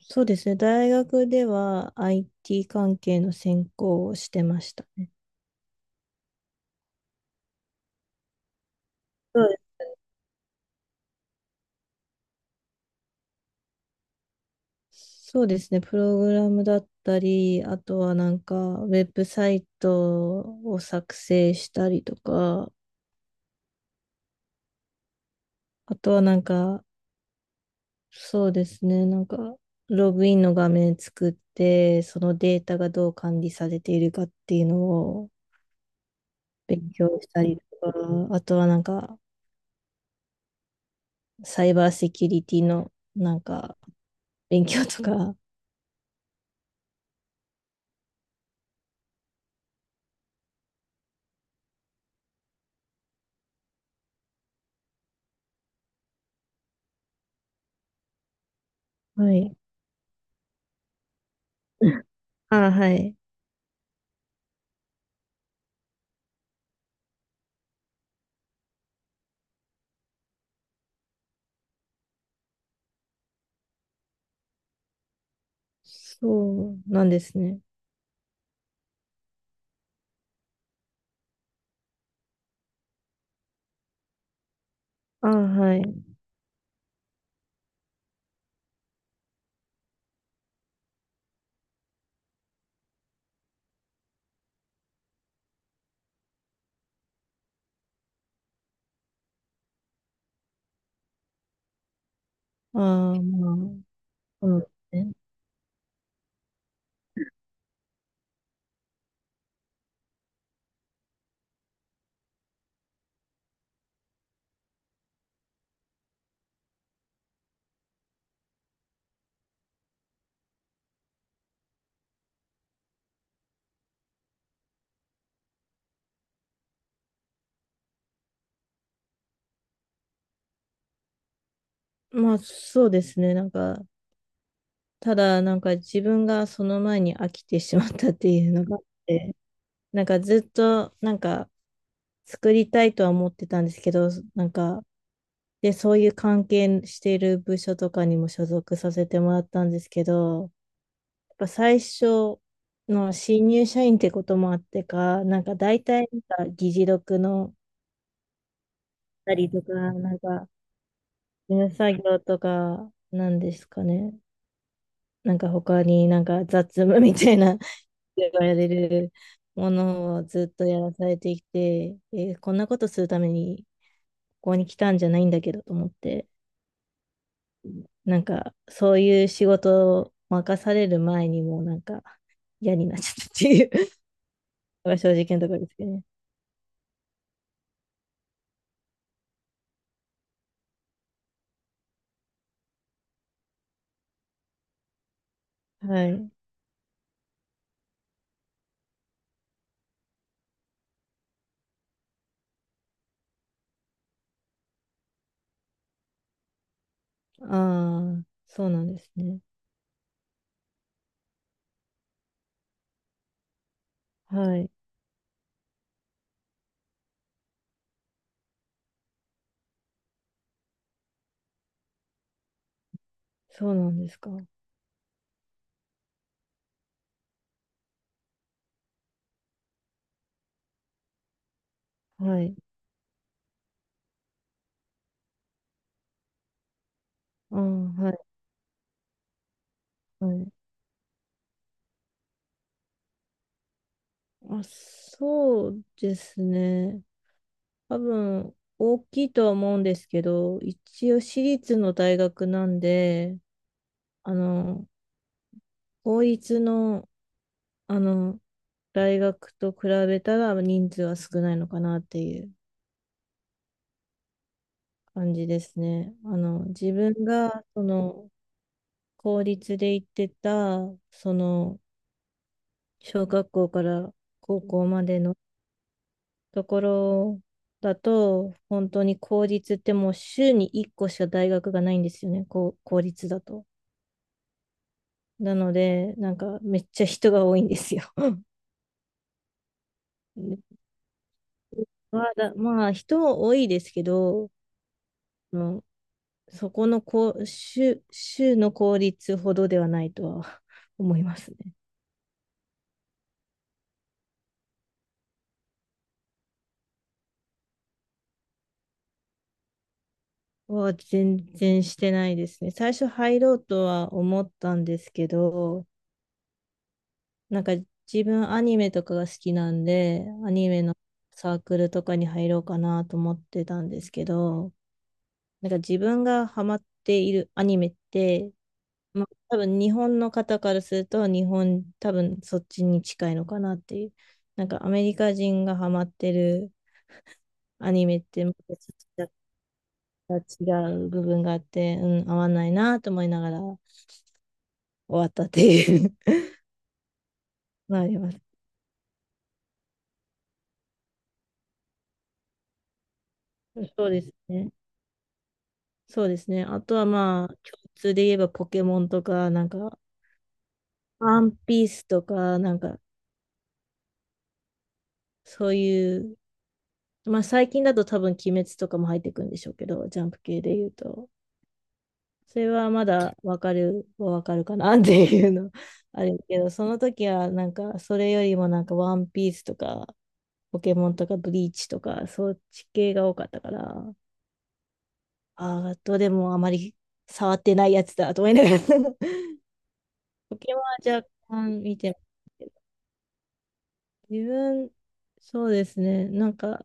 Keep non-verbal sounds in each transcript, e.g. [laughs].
そうですね。大学では IT 関係の専攻をしてましたね。はい。そうですね。プログラムだったり、あとはウェブサイトを作成したりとか、あとはそうですね。ログインの画面作って、そのデータがどう管理されているかっていうのを勉強したりとか、あとはサイバーセキュリティのなんか、勉強とか、はい。[laughs] ああ、はい。そうなんですね。ああ、はい。ああ、まあ、そうですね。まあ、そうですね。ただ、なんか自分がその前に飽きてしまったっていうのがあって、なんかずっと、作りたいとは思ってたんですけど、なんか、で、そういう関係している部署とかにも所属させてもらったんですけど、やっぱ最初の新入社員ってこともあってか、なんか大体なんか議事録の、たりとか、事務作業とか、なんですかね。なんか他になんか雑務みたいな、[laughs] 言われるものをずっとやらされてきて、えーこんなことするためにここに来たんじゃないんだけどと思って、なんかそういう仕事を任される前にもうなんか嫌になっちゃったっていう [laughs] のが正直なところですけどね。はい。ああ、そうなんですね。はい。そうなんですか。はい。ああ、はい。はい。まあ、そうですね。多分、大きいとは思うんですけど、一応私立の大学なんで、あの、公立の、あの、大学と比べたら人数は少ないのかなっていう感じですね。あの、自分が、その、公立で行ってた、その、小学校から高校までのところだと、本当に公立ってもう週に1個しか大学がないんですよね、こう公立だと。なので、なんかめっちゃ人が多いんですよ。[laughs] まあ、だまあ、人も多いですけど、うん、そこのこう州の公立ほどではないとは [laughs] 思いますね。は全然してないですね。最初入ろうとは思ったんですけど、なんか自分アニメとかが好きなんで、アニメのサークルとかに入ろうかなと思ってたんですけど、なんか自分がハマっているアニメって、まあ多分日本の方からすると日本多分そっちに近いのかなっていう。なんかアメリカ人がハマってるアニメってまたちょっと違う部分があって、うん、合わないなと思いながら終わったっていう [laughs] のあります。そうですね。そうですね。あとはまあ、共通で言えばポケモンとか、ワンピースとか、そういう、まあ最近だと多分鬼滅とかも入ってくるんでしょうけど、ジャンプ系で言うと。それはまだわかるかなっていうの [laughs] あるけど、その時はなんか、それよりもなんかワンピースとか、ポケモンとかブリーチとか、そっち系が多かったから、ああ、どれもあまり触ってないやつだと思いながら。 [laughs] ポケモンは若干見てますけど自分、そうですね。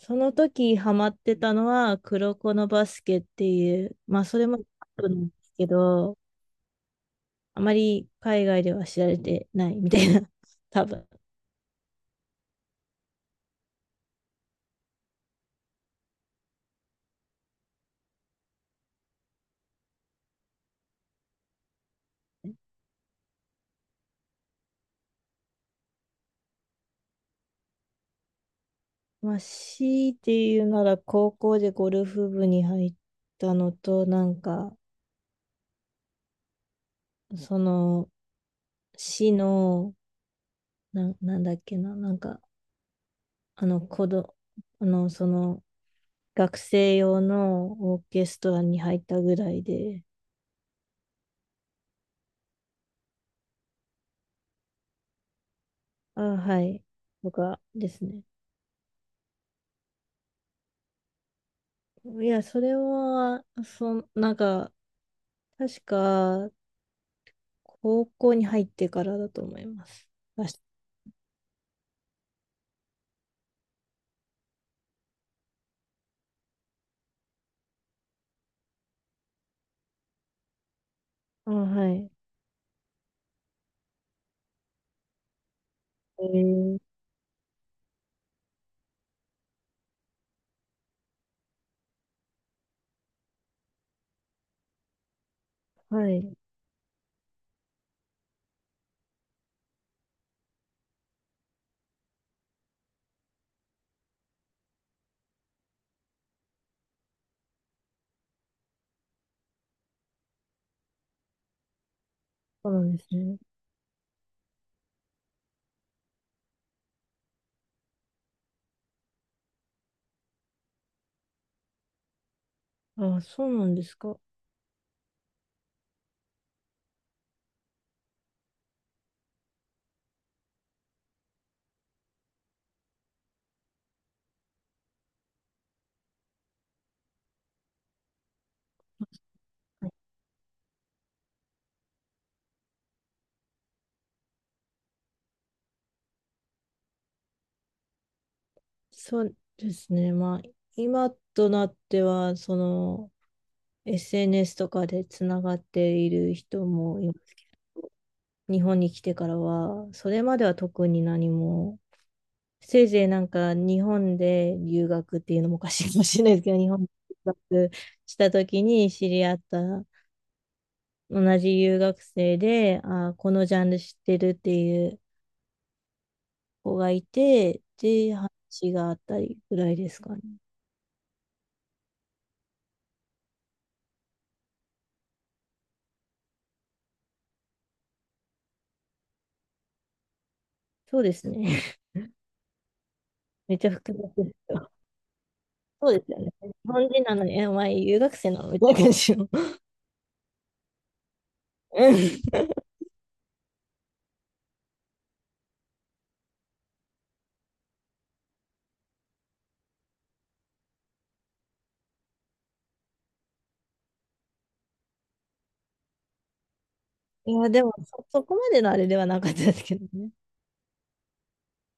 その時ハマってたのは、黒子のバスケっていう、まあ、それもアップなんですけど、あまり海外では知られてないみたいな、[laughs] 多分。まあ、強いて言うなら、高校でゴルフ部に入ったのと、その、市の、なんだっけな、あの、あの、その、学生用のオーケストラに入ったぐらいで、あ、はい。とかですね。いや、それは、確か、高校に入ってからだと思います。確かあ、はい。えー、はい。そうなんですね。あ、そうなんですか。そうですね。まあ、今となっては、その、SNS とかでつながっている人もいますけど、日本に来てからは、それまでは特に何も、せいぜいなんか日本で留学っていうのもおかしいかもしれないですけど、日本で留学した時に知り合った同じ留学生で、あー、このジャンル知ってるっていう子がいて、で、話があったりぐらいですかね。そうですね。[laughs] めっちゃ複雑ですよ。そうですよね。日本人なのに、え、お前留学生なのみたいな感じの。[laughs] うん、いや、でもそこまでのあれではなかったですけどね。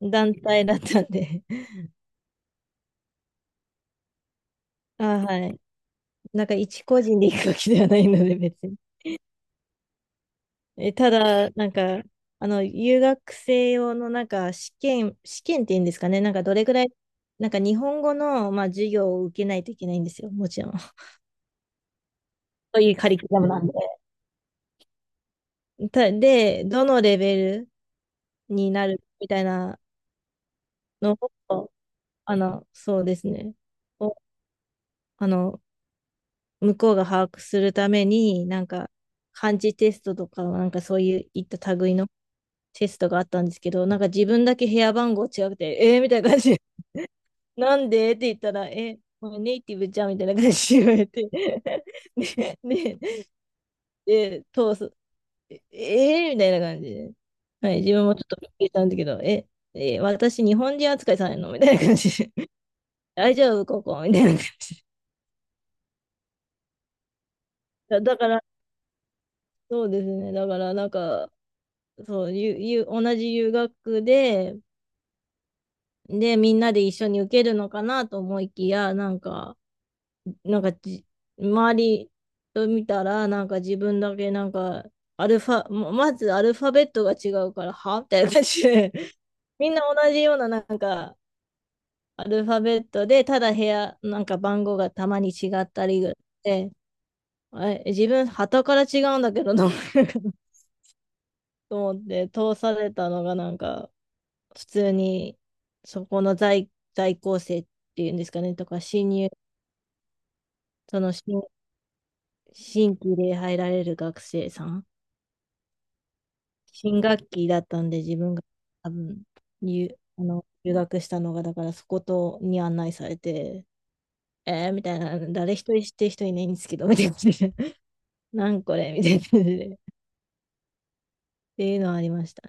団体だったんで。[laughs] あ、はい。なんか一個人で行くわけではないので別に。[laughs] え、ただ、あの、留学生用のなんか試験っていうんですかね、なんかどれぐらい、なんか日本語の、まあ、授業を受けないといけないんですよ、もちろん。[laughs] そういうカリキュラムなんで。たで、どのレベルになるみたいなのを、あの、そうですね。を、あの、向こうが把握するために、漢字テストとか、なんかそういういった類のテストがあったんですけど、なんか自分だけ部屋番号違くて、えー、みたいな感じで、[laughs] なんでって言ったら、え、これネイティブじゃんみたいな感じで言われて、[laughs] ね、ね、で、通す、ええー、みたいな感じで、はい、自分もちょっとびっくりしたんだけど、え、えー私、日本人扱いされるのみたいな感じで、[laughs] 大丈夫、ここみたいな感じで。だから、そうですね、だから、そう、同じ留学で、で、みんなで一緒に受けるのかなと思いきや、なんかじ、周りと見たら、なんか自分だけアルファ、まずアルファベットが違うから、はみたいな感じで、[laughs] みんな同じようなアルファベットで、ただ部屋、なんか番号がたまに違ったりぐらいで、あれ、自分、旗から違うんだけど、名前が [laughs] と思って、通されたのがなんか、普通に、そこの在校生っていうんですかね、とか、その新、新規で入られる学生さん。新学期だったんで、自分が多分あの、留学したのが、だからそことに案内されて、えー、みたいな、誰一人知ってる人いないんですけど、みたいな感じで、[laughs] なんこれみたいな感じで、っていうのはありました。